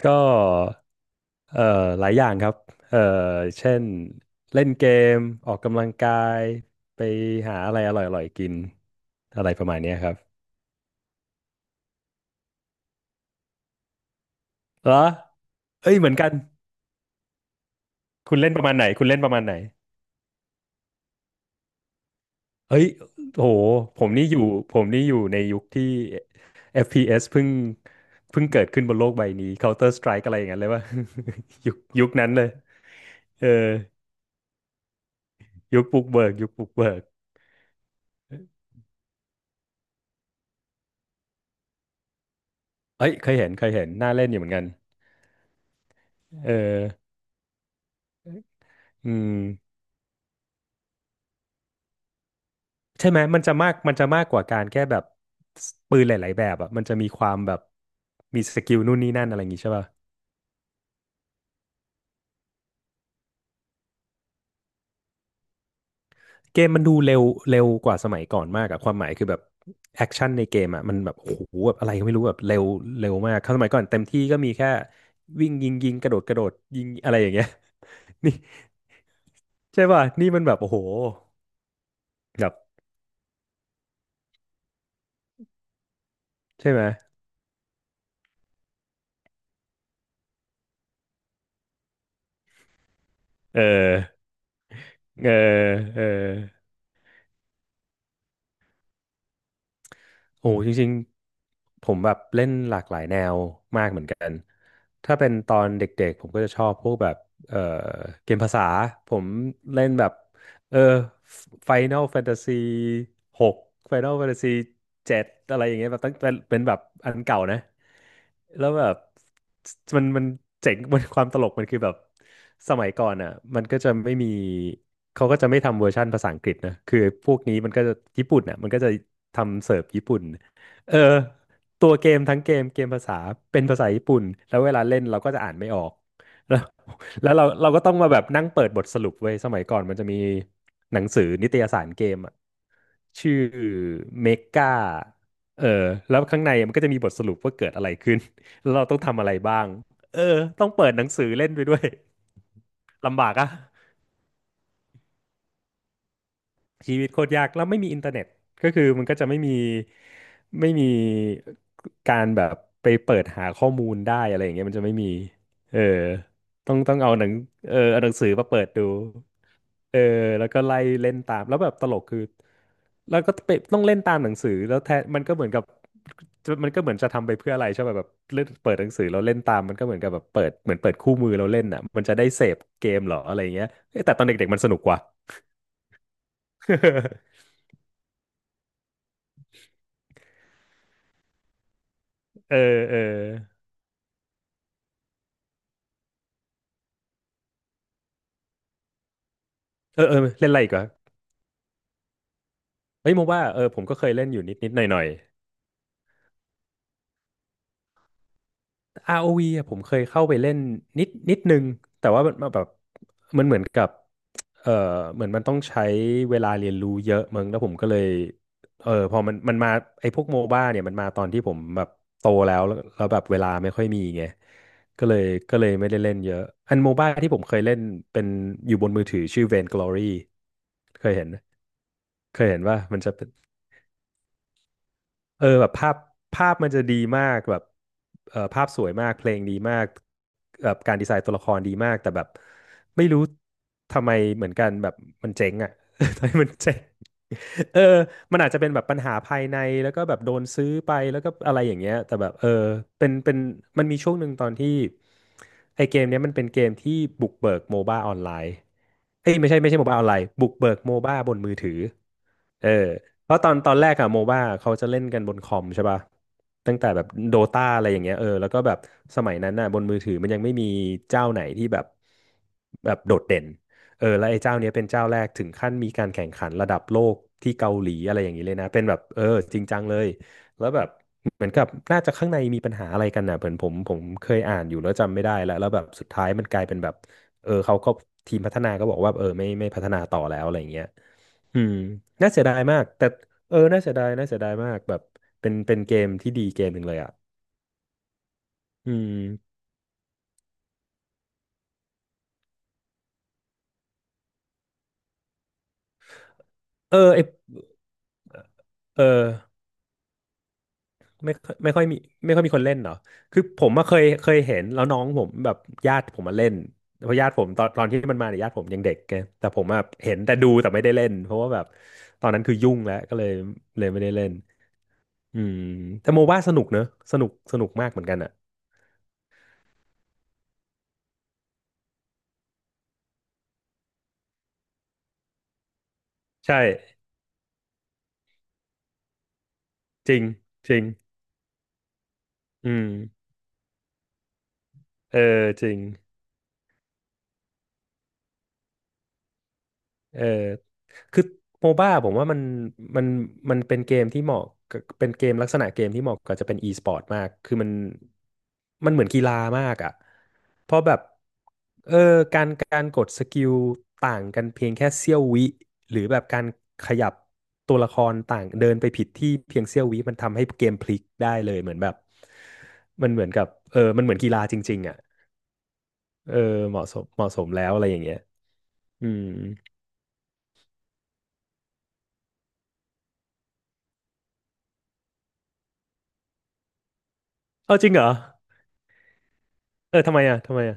ก็เอ่อหลายอย่างครับเอ่อเช่นเล่นเกมออกกำลังกายไปหาอะไรอร่อยๆกินอะไรประมาณเนี้ยครับเหรอเอ้ยเหมือนกันคุณเล่นประมาณไหนคุณเล่นประมาณไหนเฮ้ยโหผมนี่อยู่ผมนี่อยู่ในยุคที่ FPS เอสเพิ่งเกิดขึ้นบนโลกใบนี้ Counter Strike อะไรอย่างนั้นเลยว่า ยุคนั้นเลยเออยุคบุกเบิกเอ้ยเคยเห็นน่าเล่นอยู่เหมือนกันเออ อืมใช่ไหมมันจะมากกว่าการแค่แบบปืนหลายๆแบบอ่ะมันจะมีความแบบมีสกิลนู่นนี่นั่นอะไรอย่างงี้ใช่ป่ะเกมมันดูเร็วเร็วกว่าสมัยก่อนมากอะความหมายคือแบบแอคชั่นในเกมอ่ะมันแบบโอ้โหแบบอะไรก็ไม่รู้แบบเร็วเร็วมากครั้สมัยก่อนเต็มที่ก็มีแค่วิ่งยิงกระโดดยิงอะไรอย่างเงี้ย นี่ใช่ป่ะนี่มันแบบโอ้โหแบบใช่ไหมเออเออเออ โอ้จริงๆผมแบบเล่นหลากหลายแนวมากเหมือนกันถ้าเป็นตอนเด็กๆผมก็จะชอบพวกแบบเอ่อเกมภาษาผมเล่นแบบ เออ Final Fantasy 6 Final Fantasy 7อะไรอย่างเงี้ยแบบตั้งเป็นแบบอันเก่านะแล้วแบบมันเจ๋ง มันความตลกมันคือแบบสมัยก่อนอ่ะมันก็จะไม่มีเขาก็จะไม่ทำเวอร์ชันภาษาอังกฤษนะคือพวกนี้มันก็จะญี่ปุ่นอ่ะมันก็จะทำเสิร์ฟญี่ปุ่นเออตัวเกมทั้งเกมภาษาเป็นภาษาญี่ปุ่นแล้วเวลาเล่นเราก็จะอ่านไม่ออกแล้ว แล้วเราก็ต้องมาแบบนั่งเปิดบทสรุปไว้ยสมัยก่อนมันจะมีหนังสือนิตยสารเกมอะชื่อเมกาเออแล้วข้างในมันก็จะมีบทสรุปว่าเกิดอะไรขึ้น แล้วเราต้องทำอะไรบ้างเออต้องเปิดหนังสือเล่นไปด้วย ลำบากอะชีวิตโคตรยากแล้วไม่มีอินเทอร์เน็ตก็คือมันก็จะไม่มีไม่มีการแบบไปเปิดหาข้อมูลได้อะไรอย่างเงี้ยมันจะไม่มีเออต้องเอาหนังเออเอาหนังสือมาเปิดดู เออแล้วก็ไล่เล่นตามแล้วแบบตลกคือแล้วก็ไปต้องเล่นตามหนังสือแล้วแทนมันก็เหมือนกับจะมันก็เหมือนจะทำไปเพื่ออะไรใช่ป่ะแบบเล่นเปิดหนังสือเราเล่นตามมันก็เหมือนกับแบบเปิดเหมือนเปิดคู่มือเราเล่นอ่ะมันจะได้เสพเกมเหรออะไรอย่างเงี้ยเอ้ยแต่ตอนเด็กๆมันสนุกกว่า เออเออเออเล่นอะไรอีกวะเฮ้ยโมว่าเออผมก็เคยเล่นอยู่นิดนิดหน่อยหน่อย ROV อวีอะผมเคยเข้าไปเล่นนิดนึงแต่ว่ามันแบบมันเหมือนกับเออเหมือนมันต้องใช้เวลาเรียนรู้เยอะมึงแล้วผมก็เลยเออพอมันมาไอ้พวกโมบ้าเนี่ยมันมาตอนที่ผมแบบโตแล้วแบบเวลาไม่ค่อยมีไงก็เลยก็เลยไม่ได้เล่นเยอะอันโมบ้าที่ผมเคยเล่นเป็นอยู่บนมือถือชื่อ Vainglory เคยเห็นว่ามันจะเป็น เออแบบภาพภาพมันจะดีมากแบบเออภาพสวยมากเพลงดีมากแบบการดีไซน์ตัวละครดีมากแต่แบบไม่รู้ทำไมเหมือนกันแบบมันเจ๊งอ่ะ ทำไมมันเจ๊ง เออมันอาจจะเป็นแบบปัญหาภายในแล้วก็แบบโดนซื้อไปแล้วก็อะไรอย่างเงี้ยแต่แบบเออเป็นมันมีช่วงหนึ่งตอนที่ไอเกมเนี้ยมันเป็นเกมที่บุกเบิกโมบ้าออนไลน์เอ้ยไม่ใช่โมบ้าออนไลน์บุกเบิกโมบ้าบนมือถือ เออเพราะตอนแรกอะโมบ้าเขาจะเล่นกันบนคอมใช่ป่ะตั้งแต่แบบโดตาอะไรอย่างเงี้ยเออแล้วก็แบบสมัยนั้นน่ะบนมือถือมันยังไม่มีเจ้าไหนที่แบบแบบโดดเด่นเออแล้วไอ้เจ้าเนี้ยเป็นเจ้าแรกถึงขั้นมีการแข่งขันระดับโลกที่เกาหลีอะไรอย่างนี้เลยนะเป็นแบบเออจริงจังเลยแล้วแบบเหมือนกับน่าจะข้างในมีปัญหาอะไรกันน่ะเหมือนผมเคยอ่านอยู่แล้วจำไม่ได้แล้วแล้วแบบสุดท้ายมันกลายเป็นแบบเออเขาก็ทีมพัฒนาก็บอกว่าเออไม่พัฒนาต่อแล้วอะไรอย่างเงี้ย อืมน่าเสียดายมาก แต่น่าเสียดายน่าเสียดายมากแบบเป็นเป็นเกมที่ดีเกมหนึ่งเลยอ่ะอืมเออไอเออไม่ค่อยไม่ค่อยมีไม่ค่อยมีคนเล่นเหรอคือผมเคยเคยเห็นแล้วน้องผมแบบญาติผมมาเล่นเพราะญาติผมตอนตอนที่มันมาเนี่ยญาติผมยังเด็กไงแต่ผมอะเห็นแต่ดูแต่ไม่ได้เล่น เพราะว่าแบบตอนนั้นคือยุ่งแล้วก็เลยเลยไม่ได้เล่นอืมแต่โมบ้าสนุกเนอะสนุกสนุกมากเหมือนกันอ่ะใช่ จริงจริงอืมเออจริง เออคือโมบ้าผมว่ามันมันมันเป็นเกมที่เหมาะกับเป็นเกมลักษณะเกมที่เหมาะกับจะเป็นอีสปอร์ตมากคือมันมันเหมือนกีฬามากอ่ะเพราะแบบเออการการกดสกิลต่างกันเพียงแค่เสี้ยววิหรือแบบการขยับตัวละครต่างเดินไปผิดที่เพียงเสี้ยววิมันทำให้เกมพลิกได้เลยเหมือนแบบมันเหมือนกับมันเหมือนกีฬาจริงๆอ่ะเออเหมาะสมเหมาะสมแล้วอะไรอย่างเงี้ยอืมเอาจริงเหรอ ทำไมอ่ะทำไมอ่ะ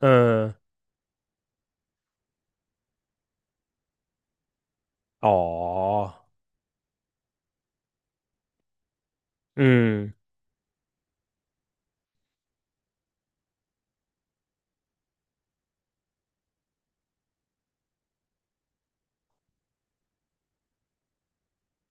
เอออ๋ออืม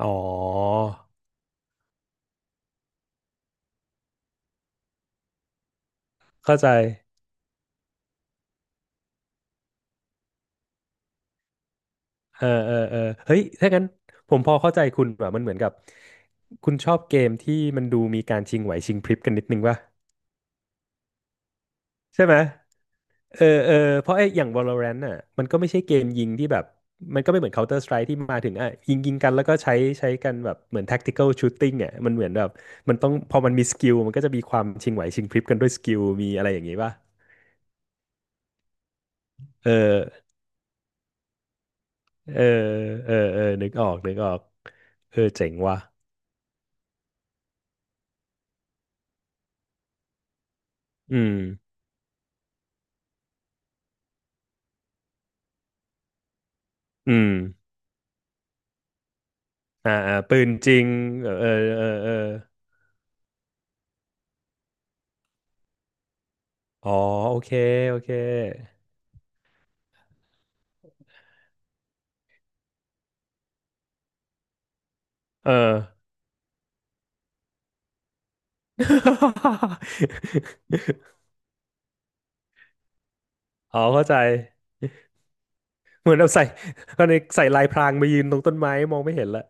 อ๋อเข้าใจเออเออเออเฮ้ยถ้างั้นผมพอเข้าใจคุณแบบมันเหมือนกับคุณชอบเกมที่มันดูมีการชิงไหวชิงพริบกันนิดนึงป่ะใช่ไหมเออเออเพราะไอ้อย่าง Valorant น่ะมันก็ไม่ใช่เกมยิงที่แบบมันก็ไม่เหมือน Counter Strike ที่มาถึงอ่ะยิงยิงกันแล้วก็ใช้ใช้กันแบบเหมือน tactical shooting อ่ะมันเหมือนแบบมันต้องพอมันมีสกิลมันก็จะมีความชิงไหวชิงพริบกันด้วยสกิลมีอะไรอย่างงี้ป่ะเออ เออเออเออนึกออกนึกออกเออเจ๋งว่ะอืมอืมอ่าอ่าปืนจริงเออเออเออเอออ๋อโอเคโอเคเออ อ๋อเข้าใจเหมือนเราใส่ก็ในใส่ลายพรางมายืนตรงต้นไม้มองไม่เห็นละ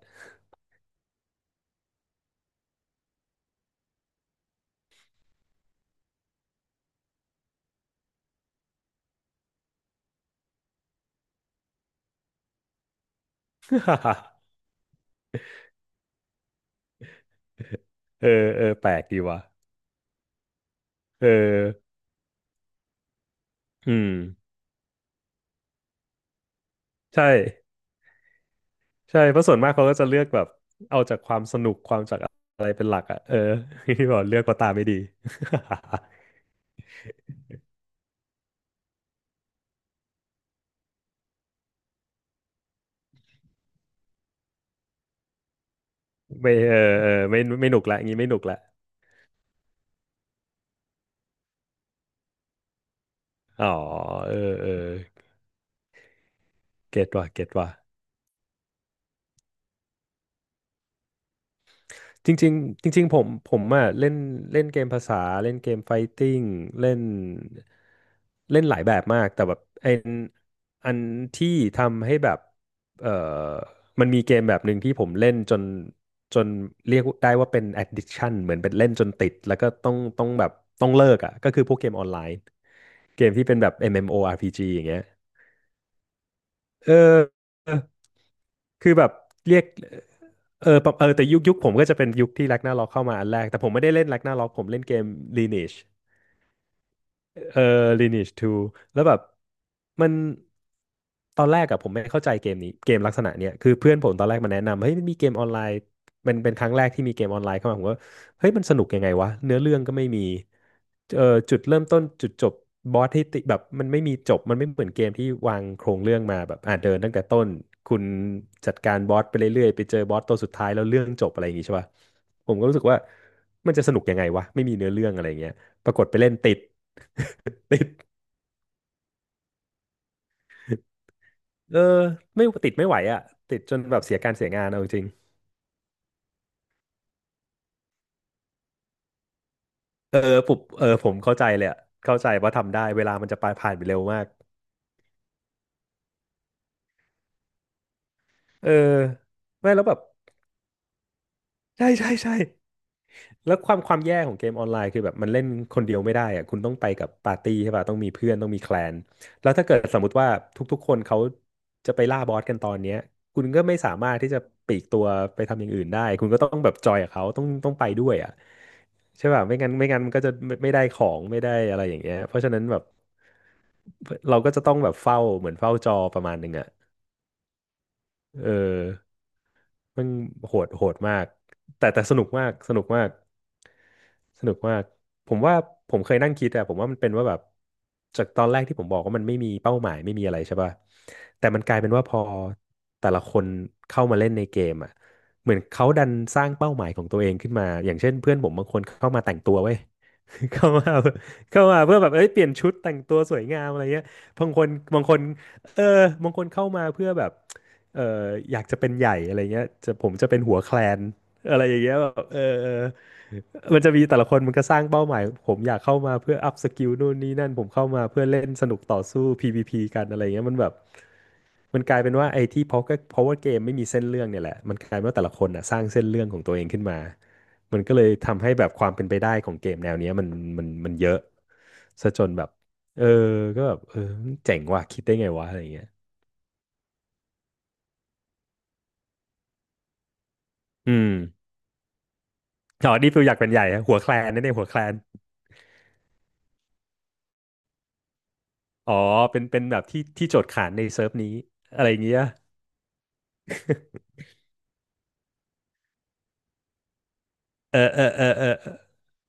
เออเออแปลกดีว่ะเอออืมใช่ใช่เพราะส่วนมากเขาก็จะเลือกแบบเอาจากความสนุกความจากอะไรเป็นหลักอ่ะ ที่บอกเลือกก็ตาไม่ดี ไม่เออเออไม่ไม่หนุกละงี้ไม่หนุกละอ๋อเออเออเก็ตว่ะเก็ตว่ะจริงๆจริงๆผมผมอ่ะเล่นเล่นเกมภาษาเล่นเกมไฟติ้งเล่นเล่นหลายแบบมากแต่แบบไออันอันที่ทำให้แบบเออมันมีเกมแบบหนึ่งที่ผมเล่นจนจนเรียกได้ว่าเป็น addiction เหมือนเป็นเล่นจนติดแล้วก็ต้องต้องแบบต้องเลิกอ่ะก็คือพวกเกมออนไลน์เกมที่เป็นแบบ MMORPG อมเอ็มโออาร์พีจีอย่างเงี้ยเออ คือแบบเรียกเออปะเออแต่ยุคยุคผมก็จะเป็นยุคที่แร็กนาร็อกเข้ามาอันแรกแต่ผมไม่ได้เล่นแร็กนาร็อกผมเล่นเกม Lineage เออ Lineage 2แล้วแบบมันตอนแรกอะผมไม่เข้าใจเกมนี้เกมลักษณะเนี้ยคือเพื่อนผมตอนแรกมาแนะนำเฮ้ยมันมีเกมออนไลน์มันเป็นครั้งแรกที่มีเกมออนไลน์เข้ามาผมว่าเฮ้ยมันสนุกยังไงวะเนื้อเรื่องก็ไม่มีเออจุดเริ่มต้นจุดจบบอสที่ติแบบมันไม่มีจบมันไม่เหมือนเกมที่วางโครงเรื่องมาแบบเดินตั้งแต่ต้นคุณจัดการบอสไปเรื่อยๆไปเจอบอสตัวสุดท้ายแล้วเรื่องจบอะไรอย่างงี้ใช่ป่ะผมก็รู้สึกว่ามันจะสนุกยังไงวะไม่มีเนื้อเรื่องอะไรอย่างเงี้ยปรากฏไปเล่นติด เออไม่ติดไม่ไหวอ่ะติดจนแบบเสียการเสียงานเอาจริงๆเออปุบผมเข้าใจเลยอะเข้าใจว่าทำได้เวลามันจะไปผ่านไปเร็วมากเออไม่แล้วแบบใช่ใช่ใช่แล้วความความแย่ของเกมออนไลน์คือแบบมันเล่นคนเดียวไม่ได้อ่ะคุณต้องไปกับปาร์ตี้ใช่ป่ะต้องมีเพื่อนต้องมีแคลนแล้วถ้าเกิดสมมติว่าทุกๆคนเขาจะไปล่าบอสกันตอนเนี้ยคุณก็ไม่สามารถที่จะปลีกตัวไปทำอย่างอื่นได้คุณก็ต้องแบบจอยกับเขาต้องต้องไปด้วยอ่ะ ใช่ป่ะไม่งั้นมันก็จะไม่ได้ของไม่ได้อะไรอย่างเงี้ยเพราะฉะนั้นแบบเราก็จะต้องแบบเฝ้าเหมือนเฝ้าจอประมาณหนึ่งอ่ะเออมันโหดมากแต่สนุกมากสนุกมากสนุกมากผมว่าผมเคยนั่งคิดอะผมว่ามันเป็นว่าแบบจากตอนแรกที่ผมบอกว่ามันไม่มีเป้าหมายไม่มีอะไรใช่ป่ะแต่มันกลายเป็นว่าพอแต่ละคนเข้ามาเล่นในเกมอะเหมือนเขาดันสร้างเป้าหมายของตัวเองขึ้นมาอย่างเช่นเพื่อนผมบางคนเข้ามาแต่งตัวเว้ย เข้ามาเข้ามาเพื่อแบบเอ้ยเปลี่ยนชุดแต่งตัวสวยงามอะไรเงี้ยบางคนบางคนเออบางคนเข้ามาเพื่อแบบเอออยากจะเป็นใหญ่อะไรเงี้ยจะผมจะเป็นหัวแคลนอะไรอย่างเงี้ยแบบเออเออ มันจะมีแต่ละคนมันก็สร้างเป้าหมายผมอยากเข้ามาเพื่ออัพสกิลนู่นนี่นั่นผมเข้ามาเพื่อเล่นสนุกต่อสู้ PVP กันอะไรเงี้ยมันแบบมันกลายเป็นว่าไอ้ที่เพราะก็เพราะว่าเกมไม่มีเส้นเรื่องเนี่ยแหละมันกลายเป็นว่าแต่ละคนอ่ะสร้างเส้นเรื่องของตัวเองขึ้นมามันก็เลยทำให้แบบความเป็นไปได้ของเกมแนวเนี้ยมันเยอะซะจนแบบเออก็แบบเออเจ๋งว่ะคิดได้ไงวะอะไรเงี้ยอืมอ๋อนี่ฟิลอยากเป็นใหญ่ฮะหัวแคลนนั่นเองหัวแคลนอ๋อเป็นแบบที่โจทย์ขานในเซิร์ฟนี้อะไรอย่างเงี้ย เออเออเออเออ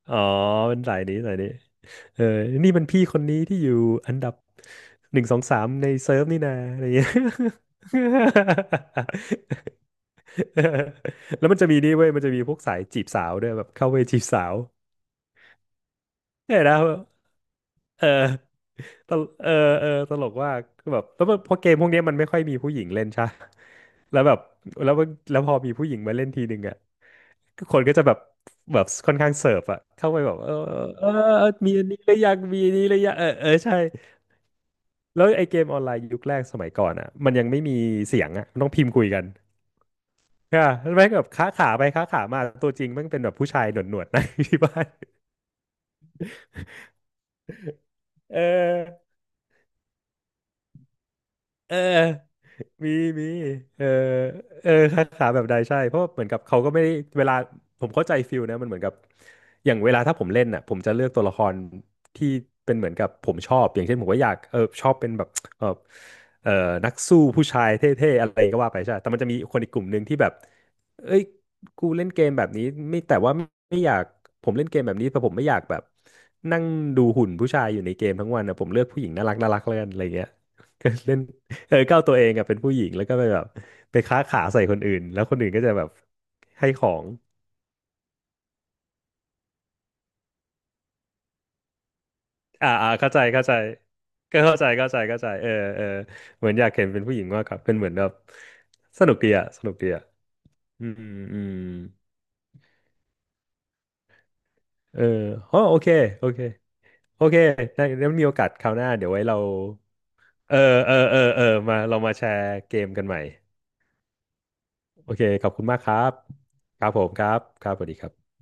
อ๋อเป็นสายนี้สายนี้เออนี่มันพี่คนนี้ที่อยู่อันดับหนึ่งสองสามในเซิร์ฟนี่นาอะไรเงี้ย แล้วมันจะมีนี่เว้ยมันจะมีพวกสายจีบสาวด้วยแบบเข้าไปจีบสาวเนี่ยนะเออตลเออเออตลกว่ากคือแบบแล้วมันพอเกมพวกเนี้ยมันไม่ค่อยมีผู้หญิงเล่นใช่ปะแล้วแบบแล้วพอมีผู้หญิงมาเล่นทีหนึ่งอะ คนก็จะแบบแบบค่อนข้างเสิร์ฟอะเข้าไปแบบอเออมีอันนี้หรือยังมีอันนี้หรือยังเออเออใช่แล้วไอเกมออนไลน์ยุคแรกสมัยก่อนอะมันยังไม่มีเสียงอะมันต้องพิมพ์คุยกันค่ะแม่งแบบค้าขาไปค้าขามาตัวจริงแม่งเป็นแบบผู้ชายหนวดๆนะ ที่บ้านเออเออ มีมีเออเออคาขาแบบใดใช่เพราะเหมือนกับเขาก็ไม่ได้เวลาผมเข้าใจฟิลนะมันเหมือนกับอย่างเวลาถ้าผมเล่นน่ะผมจะเลือกตัวละครที่เป็นเหมือนกับผมชอบอย่างเช่นผมก็อยากชอบเป็นแบบเออเออนักสู้ผู้ชายเท่ๆอะไรก็ว่าไปใช่แต่มันจะมีคนอีกกลุ่มหนึ่งที่แบบเอ้ยกูเล่นเกมแบบนี้ไม่แต่ว่าไม่อยากผมเล่นเกมแบบนี้แต่ผมไม่อยากแบบนั่งดูหุ่นผู้ชายอยู่ในเกมทั้งวันนะผมเลือกผู้หญิงน่ารักแล้วกันอะไรเงี้ย เล่น เออก้าวตัวเองอะเป็นผู้หญิงแล้วก็ไปแบบไปค้าขาใส่คนอื่นแล้วคนอื่นก็จะแบบให้ของเข้าใจเข้าใจก็เข้าใจเข้าใจเข้าใจเออเออเหมือนอยากเห็นเป็นผู้หญิงมากกว่าเป็นเหมือนแบบสนุกดีอะสนุกดีอะอืมอืมเอออ๋อโอเคโอเคโอเคได้แล้วมีโอกาสคราวหน้าเดี๋ยวไว้เราเออเออเออเออมาเรามาแชร์เกมกันใหม่โอเคขอบคุณมากครับครับผมครับครับสวัสดีครับ